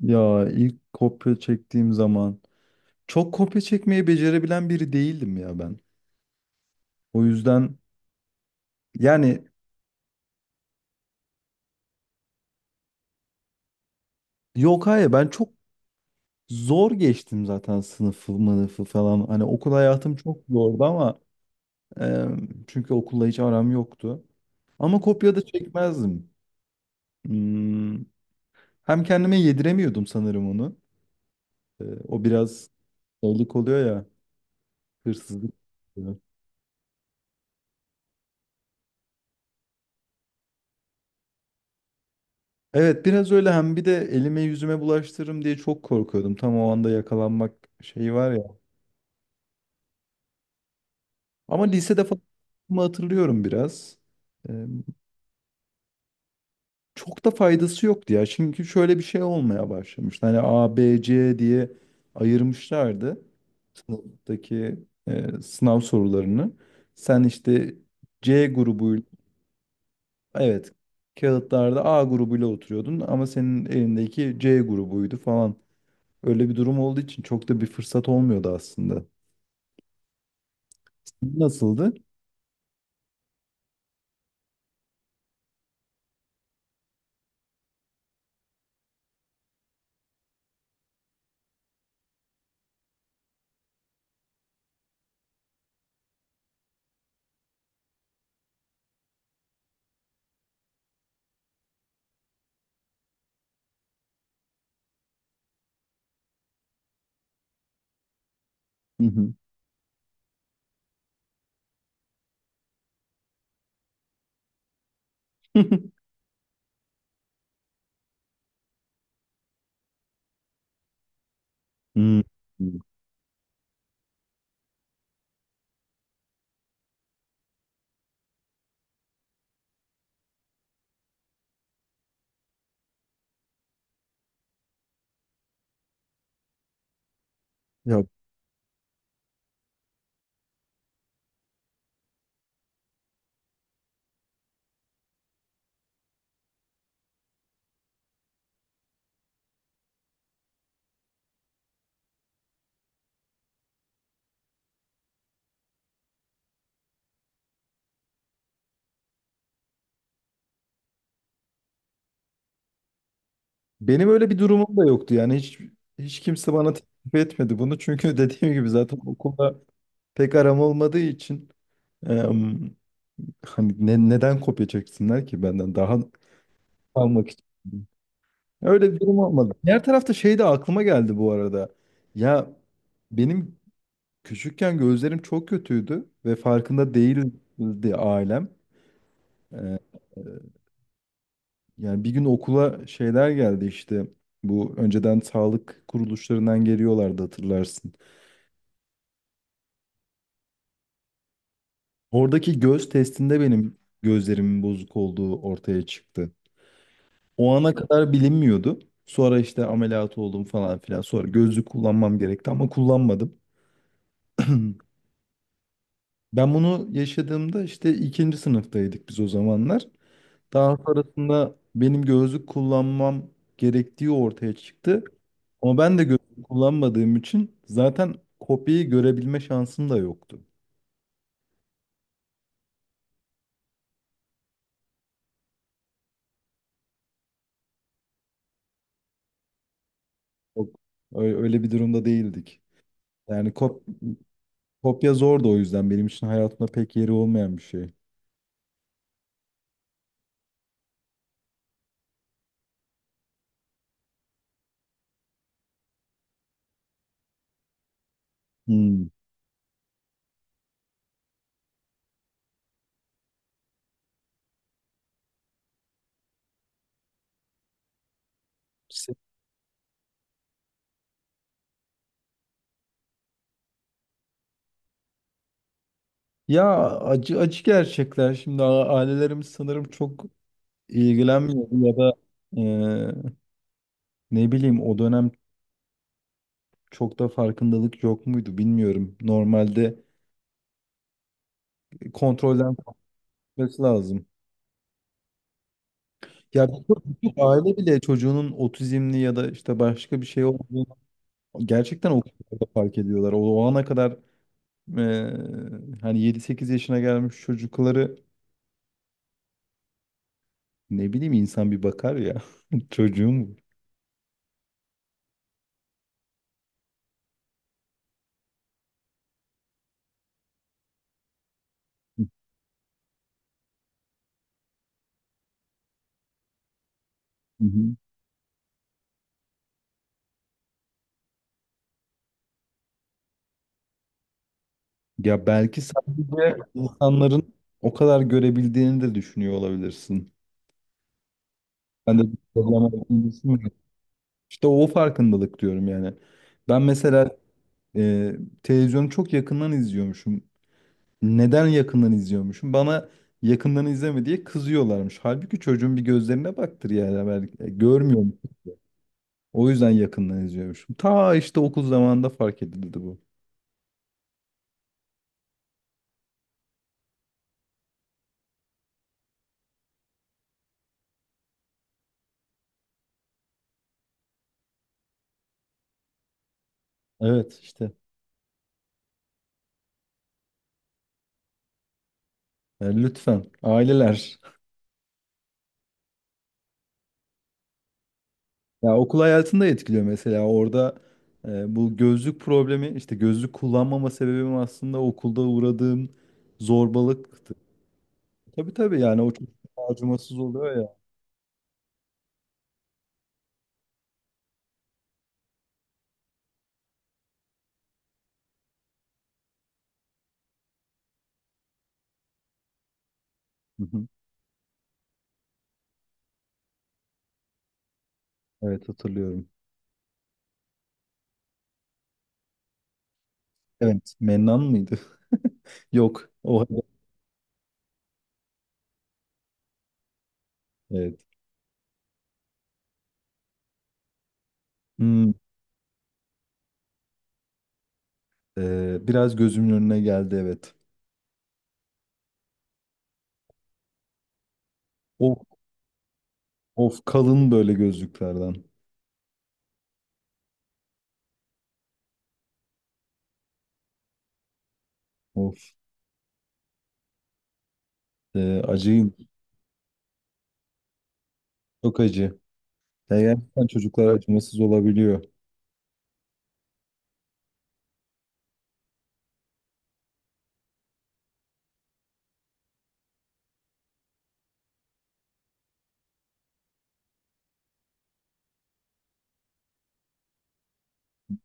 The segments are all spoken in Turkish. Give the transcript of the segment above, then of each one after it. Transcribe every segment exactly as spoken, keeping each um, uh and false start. Ya ilk kopya çektiğim zaman çok kopya çekmeyi becerebilen biri değildim ya ben. O yüzden yani yok hayır ben çok zor geçtim zaten sınıfı mınıfı falan. Hani okul hayatım çok zordu ama e, çünkü okulla hiç aram yoktu. Ama kopya da çekmezdim. Hmm, Hem kendime yediremiyordum sanırım onu. E, o biraz şeylik oluyor ya, hırsızlık. Evet biraz öyle, hem bir de elime yüzüme bulaştırırım diye çok korkuyordum. Tam o anda yakalanmak şeyi var ya. Ama lisede falan hatırlıyorum biraz. Ee, Çok da faydası yoktu ya. Çünkü şöyle bir şey olmaya başlamıştı. Hani A, B, C diye ayırmışlardı sınıftaki e, sınav sorularını. Sen işte C grubuyla evet kağıtlarda A grubuyla oturuyordun ama senin elindeki C grubuydu falan. Öyle bir durum olduğu için çok da bir fırsat olmuyordu aslında. Nasıldı? Hı hı. Hmm. Ya benim öyle bir durumum da yoktu yani hiç hiç kimse bana teklif etmedi bunu çünkü dediğim gibi zaten okulda pek aram olmadığı için em, hani ne, neden kopya çeksinler ki benden daha almak için. Öyle bir durum olmadı. Diğer tarafta şey de aklıma geldi bu arada. Ya benim küçükken gözlerim çok kötüydü ve farkında değildi ailem. Ee, Yani bir gün okula şeyler geldi işte. Bu önceden sağlık kuruluşlarından geliyorlardı hatırlarsın. Oradaki göz testinde benim gözlerimin bozuk olduğu ortaya çıktı. O ana kadar bilinmiyordu. Sonra işte ameliyat oldum falan filan. Sonra gözlük kullanmam gerekti ama kullanmadım. Ben bunu yaşadığımda işte ikinci sınıftaydık biz o zamanlar. Daha sonrasında benim gözlük kullanmam gerektiği ortaya çıktı. Ama ben de gözlük kullanmadığım için zaten kopyayı görebilme şansım da yoktu. Yok, ö- öyle bir durumda değildik. Yani kop kopya zordu, o yüzden benim için hayatımda pek yeri olmayan bir şey. Hmm. Se- Ya acı acı gerçekler. Şimdi a- ailelerimiz sanırım çok ilgilenmiyor ya da e, ne bileyim o dönem çok da farkındalık yok muydu bilmiyorum. Normalde kontrolden kalkması lazım. Ya birçok birçok aile bile çocuğunun otizmli ya da işte başka bir şey olduğunu gerçekten o kadar da fark ediyorlar. O, o ana kadar eee, hani yedi sekiz yaşına gelmiş çocukları ne bileyim insan bir bakar ya, çocuğum bu. Hı hı. Ya belki sadece insanların o kadar görebildiğini de düşünüyor olabilirsin. Ben de bir problem olduğunu düşünmüyorum. İşte o farkındalık diyorum yani. Ben mesela e, televizyonu çok yakından izliyormuşum. Neden yakından izliyormuşum? Bana yakından izleme diye kızıyorlarmış. Halbuki çocuğun bir gözlerine baktır, yani ben e, görmüyorum. O yüzden yakından izliyormuşum. Ta işte okul zamanında fark edildi bu. Evet işte. Yani lütfen aileler. Ya okul hayatında etkiliyor mesela orada e, bu gözlük problemi, işte gözlük kullanmama sebebim aslında okulda uğradığım zorbalıktı. Tabii tabii, yani o çok acımasız oluyor ya. Hı hı. Evet hatırlıyorum. Evet. Mennan mıydı? Yok. O evet. Hmm. E, biraz gözümün önüne geldi evet. Of, of kalın böyle gözlüklerden. Of, e, acıyım. Çok acı. Ya gerçekten çocuklar acımasız olabiliyor.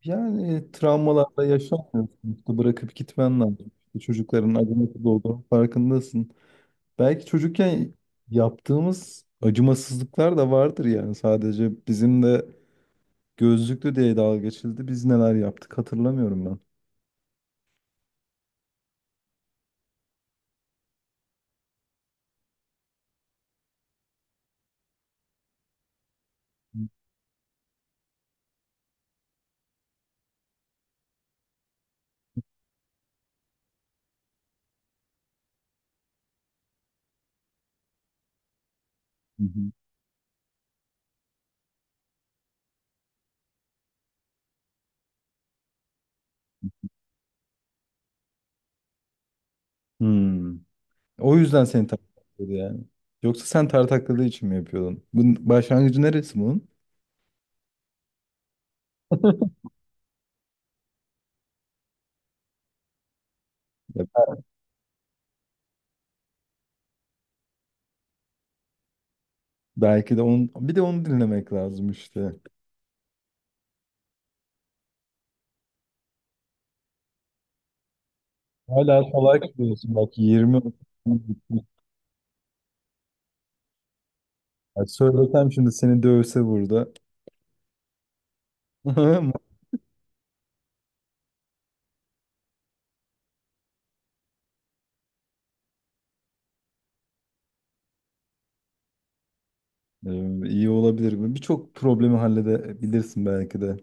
Yani e, travmalarla yaşamıyorsun. İşte bırakıp gitmen lazım. İşte çocukların acımasız olduğunun farkındasın. Belki çocukken yaptığımız acımasızlıklar da vardır yani. Sadece bizim de gözlüklü diye dalga geçildi. Biz neler yaptık hatırlamıyorum. Hı hı. Hmm. O yüzden seni tartakladı yani. Yoksa sen tartakladığı için mi yapıyordun? Bunun başlangıcı neresi bunun? Ya belki de onu, bir de onu dinlemek lazım işte. Hala kolay kılıyorsun bak, yirmi. Ya söylesem şimdi seni dövse burada. Ee, İyi olabilir mi? Birçok problemi halledebilirsin belki de.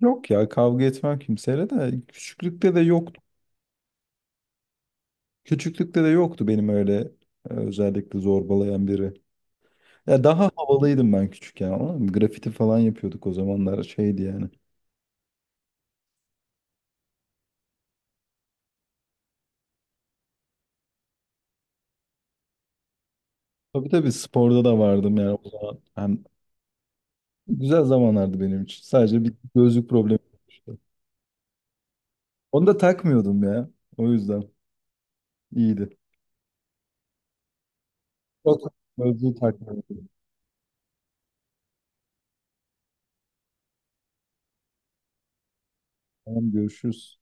Yok ya, kavga etmem kimseyle, de küçüklükte de yoktu. Küçüklükte de yoktu benim öyle e, özellikle zorbalayan biri. Ya daha havalıydım ben küçükken, ama grafiti falan yapıyorduk o zamanlar, şeydi yani. Tabii tabii, sporda da vardım yani o zaman. Hem güzel zamanlardı benim için. Sadece bir gözlük problemi olmuştu. Onu da takmıyordum ya. O yüzden iyiydi. Yok. Gözlüğü takmıyordum. Tamam, görüşürüz.